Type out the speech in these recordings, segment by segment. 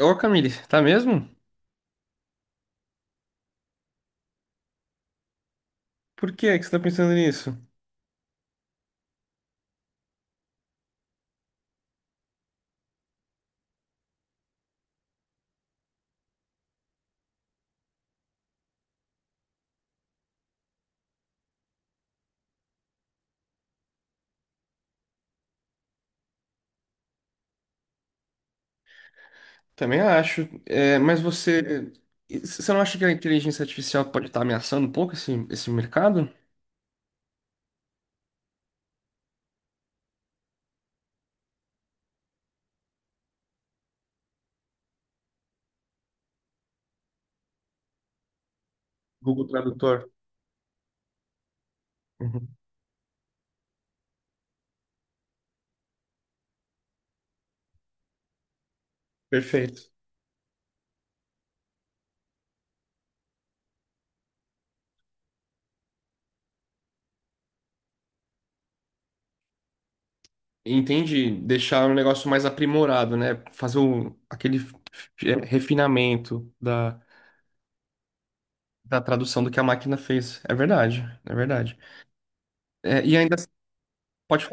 Ô, Camille, tá mesmo? Por que é que você tá pensando nisso? Também acho. É, mas você. Você não acha que a inteligência artificial pode estar ameaçando um pouco esse mercado? Google Tradutor. Uhum. Perfeito. Entende? Deixar um negócio mais aprimorado, né? Fazer o, aquele refinamento da, da tradução do que a máquina fez. É verdade, é verdade. É, e ainda pode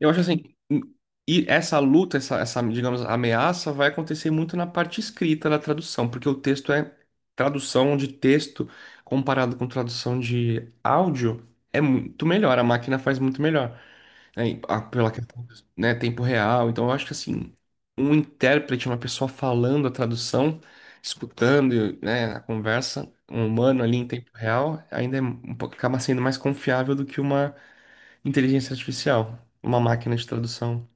eu acho assim, hum, e essa luta, essa, digamos, ameaça vai acontecer muito na parte escrita da tradução, porque o texto é tradução de texto comparado com tradução de áudio é muito melhor, a máquina faz muito melhor, né, e pela questão, né, tempo real. Então eu acho que assim, um intérprete, uma pessoa falando a tradução, escutando, né, a conversa, um humano ali em tempo real, ainda é acaba sendo mais confiável do que uma inteligência artificial, uma máquina de tradução.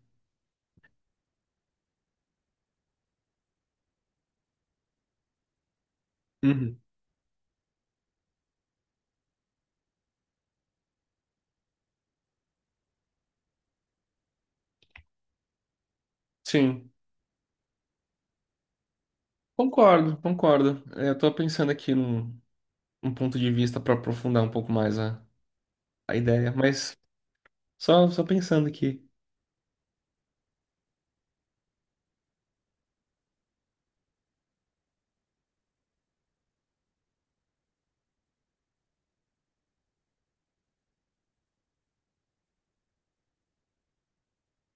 Uhum. Sim, concordo, concordo. É, eu tô pensando aqui num, um ponto de vista para aprofundar um pouco mais a ideia, mas só pensando aqui.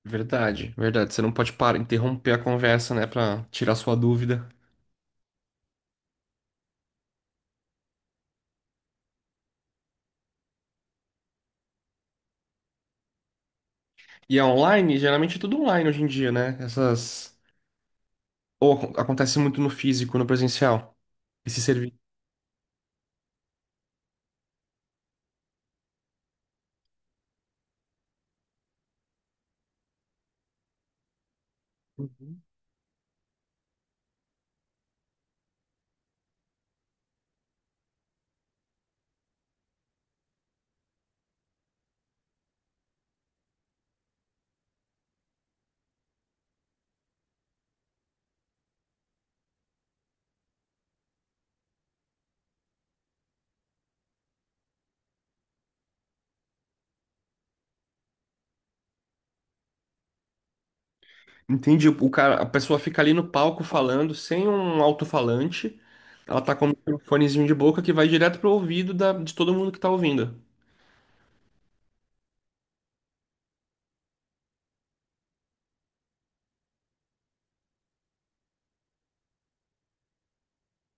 Verdade, verdade. Você não pode parar, interromper a conversa, né, para tirar sua dúvida. E é online, geralmente é tudo online hoje em dia, né? Essas. Ou acontece muito no físico, no presencial, esse serviço. Uhum. Entendi. O cara, a pessoa fica ali no palco falando sem um alto-falante. Ela tá com um fonezinho de boca que vai direto pro ouvido da, de todo mundo que tá ouvindo.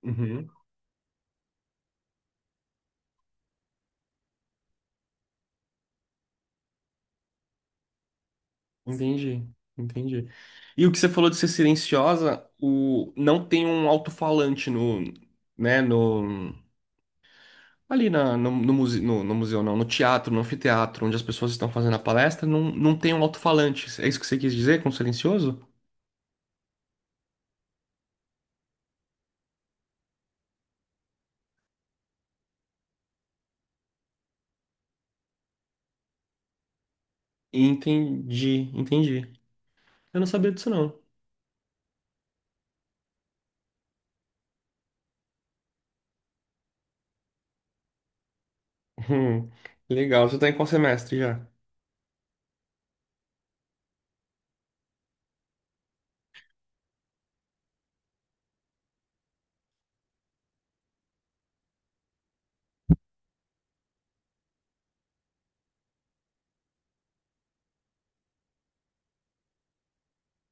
Uhum. Entendi, entendi. E o que você falou de ser silenciosa, o não tem um alto-falante no, né, no ali na, muse, no museu não, no teatro, no anfiteatro, onde as pessoas estão fazendo a palestra, não, não tem um alto-falante. É isso que você quis dizer com silencioso? Entendi, entendi. Eu não sabia disso não. Hum, legal. Você tá em qual semestre já?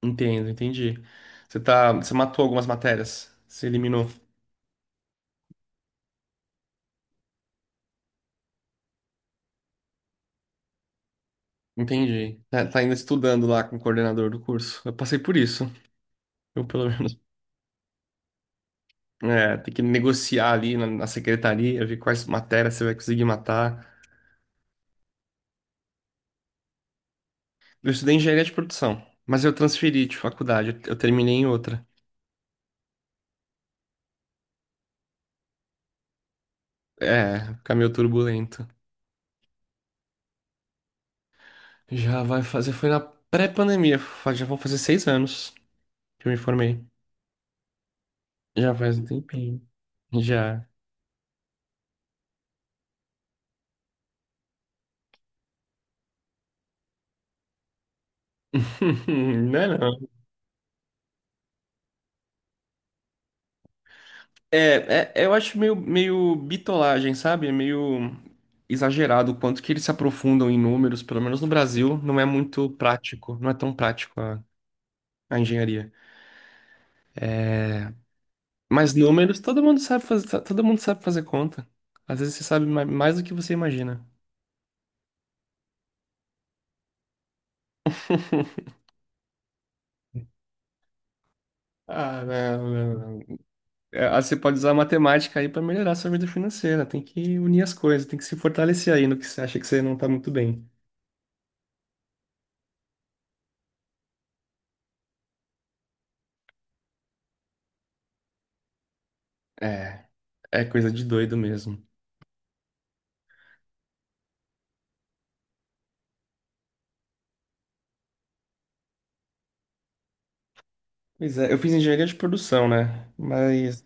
Entendo, entendi. Você tá, você matou algumas matérias, você eliminou. Entendi. Tá, tá ainda estudando lá com o coordenador do curso. Eu passei por isso. Eu, pelo menos, é, tem que negociar ali na, na secretaria, ver quais matérias você vai conseguir matar. Eu estudei engenharia de produção, mas eu transferi de faculdade, eu terminei em outra. É, caminho turbulento. Já vai fazer, foi na pré-pandemia, já vão fazer 6 anos que eu me formei. Já faz um tempinho. Já. Não é, não. Eu acho meio bitolagem, sabe? É meio exagerado o quanto que eles se aprofundam em números, pelo menos no Brasil, não é muito prático, não é tão prático a engenharia. Mas números, todo mundo sabe fazer, todo mundo sabe fazer conta. Às vezes você sabe mais do que você imagina. Ah, não, não, não. É, ah, você pode usar a matemática aí para melhorar a sua vida financeira. Tem que unir as coisas, tem que se fortalecer aí no que você acha que você não tá muito bem. É, é coisa de doido mesmo. Pois é, eu fiz engenharia de produção, né? Mas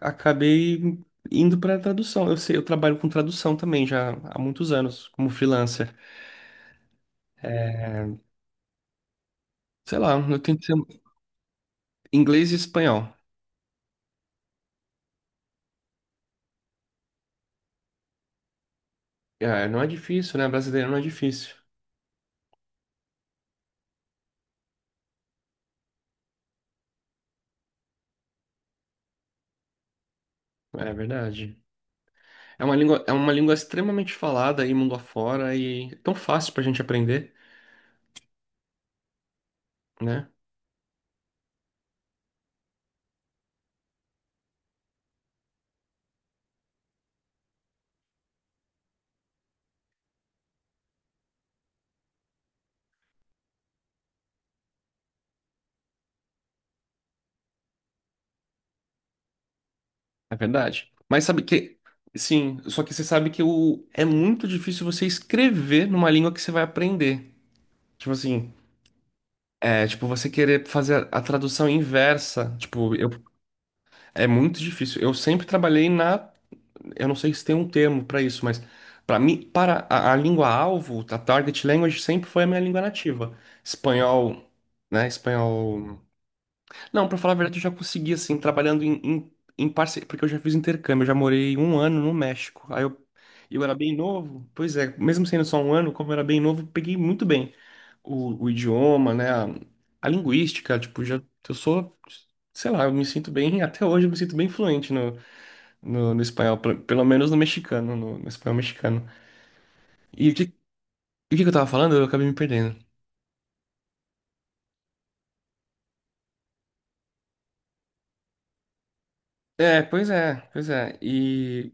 acabei indo para tradução. Eu sei, eu trabalho com tradução também já há muitos anos, como freelancer. É, sei lá, eu tento ser inglês e espanhol. É, não é difícil, né? Brasileiro não é difícil. É verdade. É uma língua extremamente falada aí mundo afora e é tão fácil pra gente aprender, né? É verdade. Mas sabe que, sim, só que você sabe que o, é muito difícil você escrever numa língua que você vai aprender. Tipo assim, é, tipo, você querer fazer a tradução inversa, tipo, eu, é muito difícil. Eu sempre trabalhei na, eu não sei se tem um termo pra isso, mas para mim, para a língua alvo, a target language sempre foi a minha língua nativa. Espanhol, né? Espanhol. Não, pra falar a verdade, eu já consegui assim trabalhando em porque eu já fiz intercâmbio, eu já morei 1 ano no México. Aí eu era bem novo, pois é, mesmo sendo só 1 ano, como eu era bem novo, peguei muito bem o idioma, né? A linguística, tipo, já eu sou, sei lá, eu me sinto bem, até hoje eu me sinto bem fluente no, no espanhol, pelo pelo menos no mexicano, no espanhol mexicano. E o que que eu tava falando? Eu acabei me perdendo. É, pois é, pois é.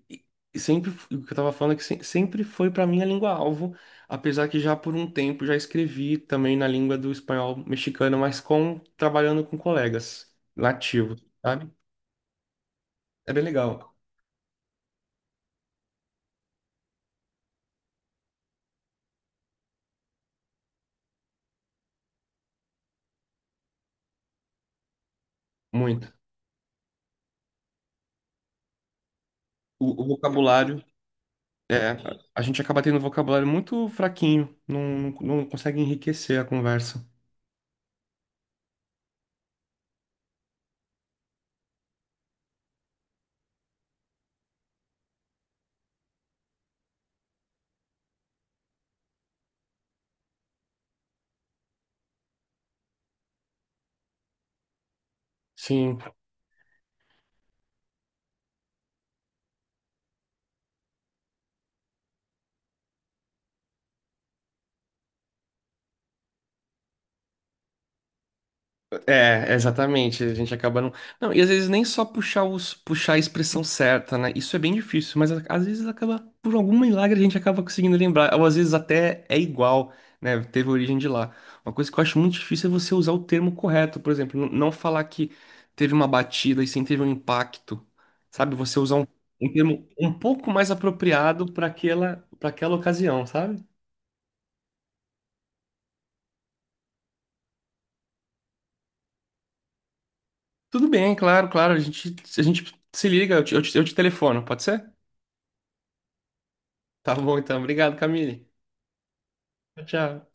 E sempre o que eu tava falando é que sempre foi pra mim a língua-alvo, apesar que já por um tempo já escrevi também na língua do espanhol mexicano, mas com trabalhando com colegas nativos, sabe? É bem legal, muito. O vocabulário é, a gente acaba tendo um vocabulário muito fraquinho, não, não, não consegue enriquecer a conversa. Sim. É, exatamente. A gente acaba não. Não, e às vezes nem só puxar os puxar a expressão certa, né? Isso é bem difícil, mas às vezes acaba, por algum milagre, a gente acaba conseguindo lembrar. Ou às vezes até é igual, né? Teve origem de lá. Uma coisa que eu acho muito difícil é você usar o termo correto, por exemplo, não falar que teve uma batida e sim teve um impacto. Sabe? Você usar um, um termo um pouco mais apropriado para aquela ocasião, sabe? Tudo bem, claro, claro. A gente se liga, eu te telefono, pode ser? Tá bom, então. Obrigado, Camille. Tchau, tchau.